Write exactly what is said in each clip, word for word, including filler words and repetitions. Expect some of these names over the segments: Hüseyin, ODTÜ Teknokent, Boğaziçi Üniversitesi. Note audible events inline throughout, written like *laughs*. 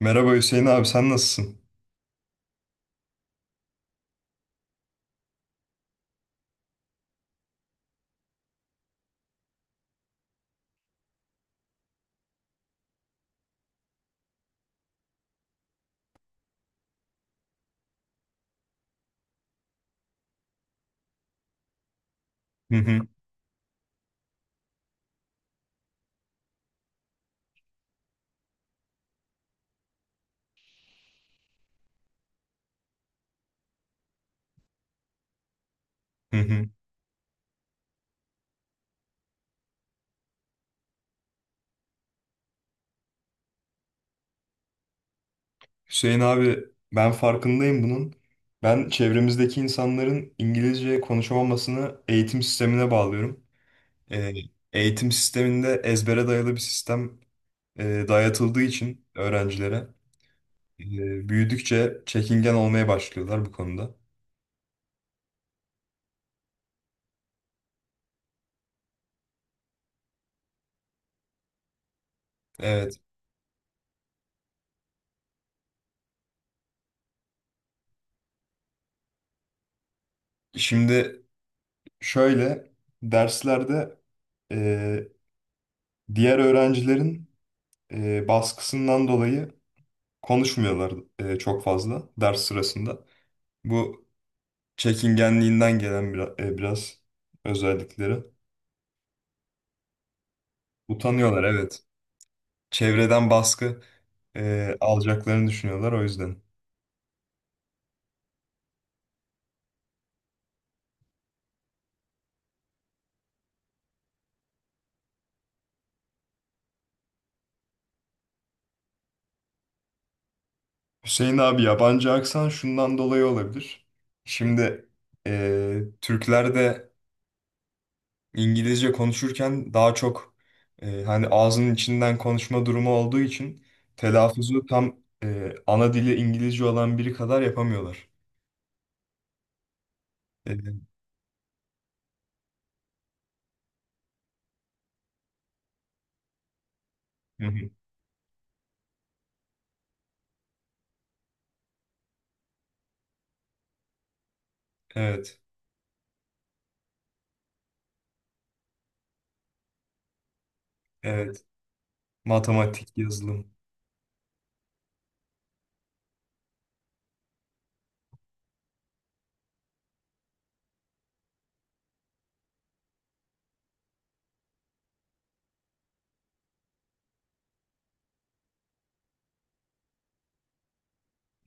Merhaba Hüseyin abi, sen nasılsın? Hı hı, hı hı. Hüseyin abi, ben farkındayım bunun. Ben çevremizdeki insanların İngilizce konuşamamasını eğitim sistemine bağlıyorum. Ee, Eğitim sisteminde ezbere dayalı bir sistem e, dayatıldığı için öğrencilere e, büyüdükçe çekingen olmaya başlıyorlar bu konuda. Evet, şimdi şöyle, derslerde e, diğer öğrencilerin e, baskısından dolayı konuşmuyorlar e, çok fazla ders sırasında. Bu çekingenliğinden gelen biraz, biraz özellikleri. Utanıyorlar, evet. Çevreden baskı e, alacaklarını düşünüyorlar, o yüzden. Hüseyin abi, yabancı aksan şundan dolayı olabilir. Şimdi e, Türkler de İngilizce konuşurken daha çok e, hani ağzının içinden konuşma durumu olduğu için telaffuzu tam e, ana dili İngilizce olan biri kadar yapamıyorlar. E, Hı hı. Evet, evet. Matematik, yazılım.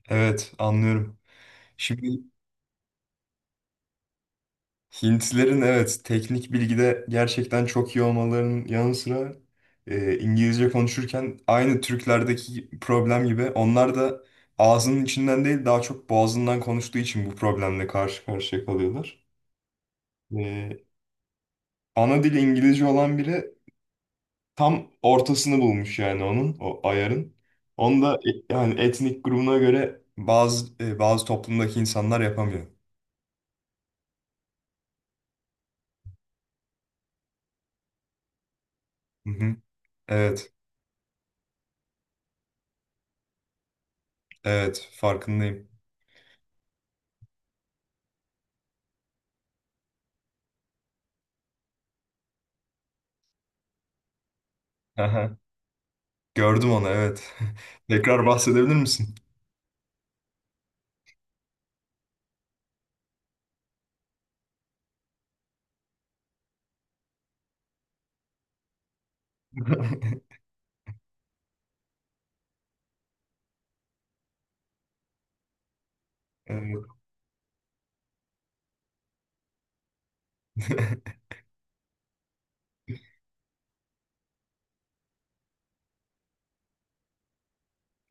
Evet, anlıyorum. Şimdi Hintlilerin, evet, teknik bilgide gerçekten çok iyi olmalarının yanı sıra e, İngilizce konuşurken aynı Türklerdeki problem gibi onlar da ağzının içinden değil daha çok boğazından konuştuğu için bu problemle karşı karşıya kalıyorlar. E, Ana dili İngilizce olan biri tam ortasını bulmuş yani, onun o ayarın. Onu da e- yani etnik grubuna göre bazı e, bazı toplumdaki insanlar yapamıyor. Hı hı. Evet. Evet, farkındayım. Aha, gördüm onu, evet. *laughs* Tekrar bahsedebilir misin? Evet. *laughs*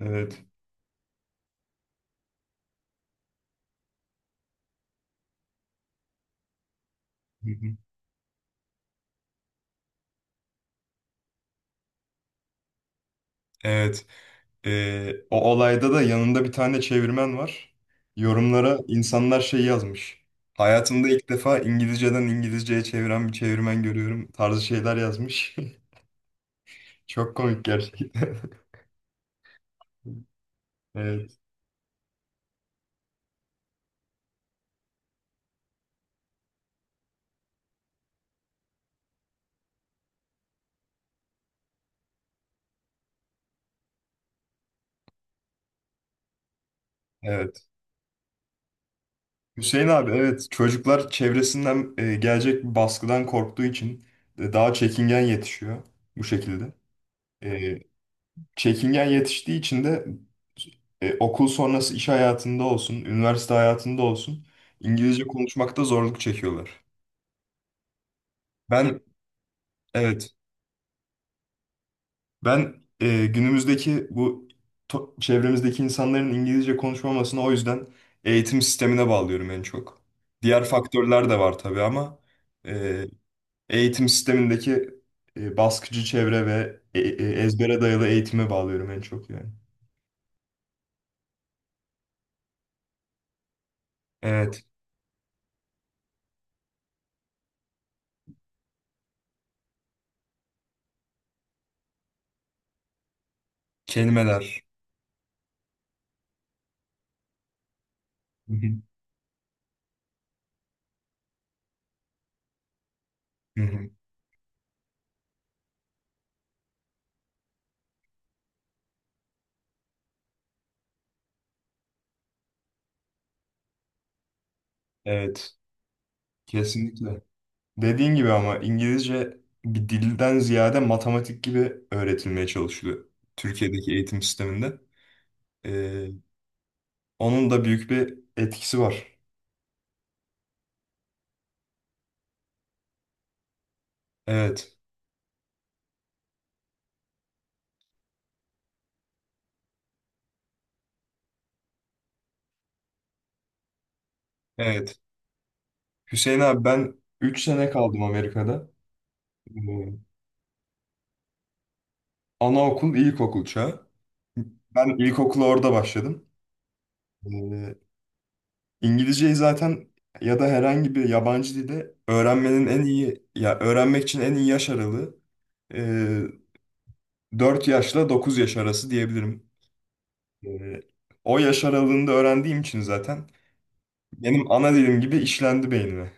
Evet. Hı hı. Evet. Ee, o olayda da yanında bir tane çevirmen var. Yorumlara insanlar şey yazmış. Hayatımda ilk defa İngilizceden İngilizceye çeviren bir çevirmen görüyorum tarzı şeyler yazmış. *laughs* Çok komik gerçekten. *laughs* Evet, evet. Hüseyin abi, evet, çocuklar çevresinden e, gelecek bir baskıdan korktuğu için e, daha çekingen yetişiyor bu şekilde. E, Çekingen yetiştiği için de e, okul sonrası iş hayatında olsun, üniversite hayatında olsun, İngilizce konuşmakta zorluk çekiyorlar. Ben, evet, Ben e, günümüzdeki bu to- çevremizdeki insanların İngilizce konuşmamasını, o yüzden, eğitim sistemine bağlıyorum en çok. Diğer faktörler de var tabii ama e, eğitim sistemindeki e, baskıcı çevre ve e- e- ezbere dayalı eğitime bağlıyorum en çok yani. Evet, kelimeler. Hı hı, hı hı. Evet, kesinlikle. Dediğin gibi, ama İngilizce bir dilden ziyade matematik gibi öğretilmeye çalışılıyor Türkiye'deki eğitim sisteminde. E, Onun da büyük bir etkisi var. Evet, evet. Hüseyin abi, ben üç sene kaldım Amerika'da. Ee, Anaokul, ilkokul çağı. Ben ilkokula orada başladım. Ee, İngilizceyi zaten, ya da herhangi bir yabancı dilde öğrenmenin en iyi, ya öğrenmek için en iyi yaş aralığı e, dört yaşla dokuz yaş arası diyebilirim. Ee, O yaş aralığında öğrendiğim için zaten benim ana dilim gibi işlendi beynime.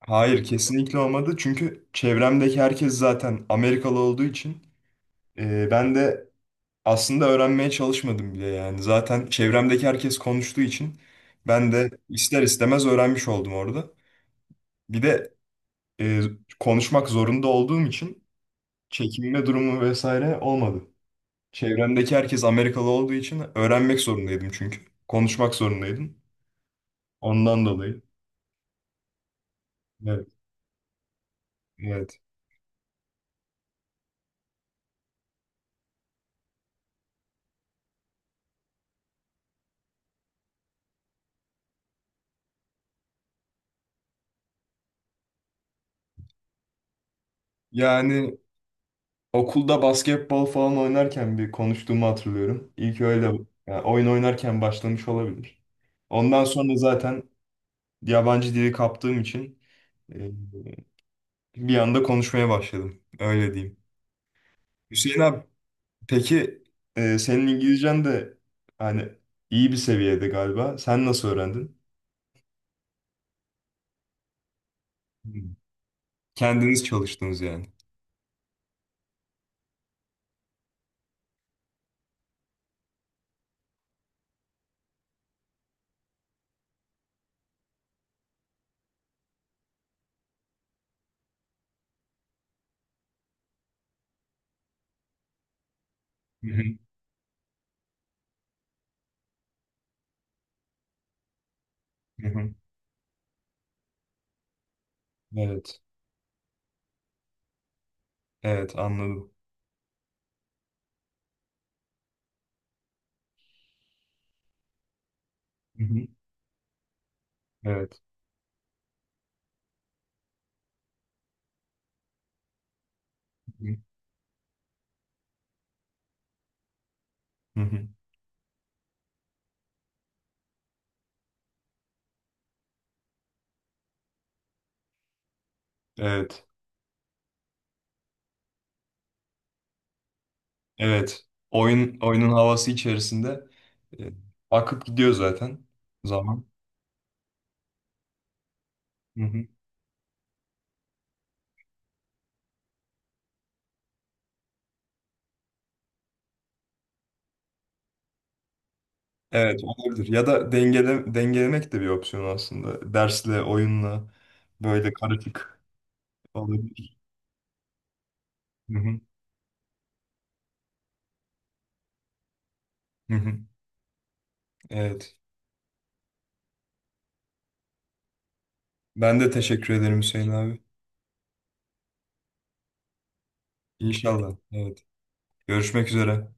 Hayır, kesinlikle olmadı. Çünkü çevremdeki herkes zaten Amerikalı olduğu için e, ben de aslında öğrenmeye çalışmadım bile yani. Zaten çevremdeki herkes konuştuğu için ben de ister istemez öğrenmiş oldum orada. Bir de e, konuşmak zorunda olduğum için çekinme durumu vesaire olmadı. Çevremdeki herkes Amerikalı olduğu için öğrenmek zorundaydım çünkü. Konuşmak zorundaydım. Ondan dolayı. Evet, evet. Yani, Okulda basketbol falan oynarken bir konuştuğumu hatırlıyorum. İlk öyle, yani oyun oynarken başlamış olabilir. Ondan sonra zaten yabancı dili kaptığım için e, bir anda konuşmaya başladım. Öyle diyeyim. Hüseyin abi, peki e, senin İngilizcen de hani iyi bir seviyede galiba. Sen nasıl öğrendin? Hmm. Kendiniz çalıştınız yani. Hı hı, hı hı. Evet. Evet, anladım. Hı hı. Evet. Hı hı. Hı hı. Evet. Evet. Oyun oyunun havası içerisinde e, akıp gidiyor zaten zaman. Hı hı. Evet, olabilir. Ya da dengele, dengelemek de bir opsiyon aslında. Dersle, oyunla böyle karışık olabilir. Hı hı. Hı hı. Evet. Ben de teşekkür ederim Hüseyin abi. İnşallah. Evet. Görüşmek üzere.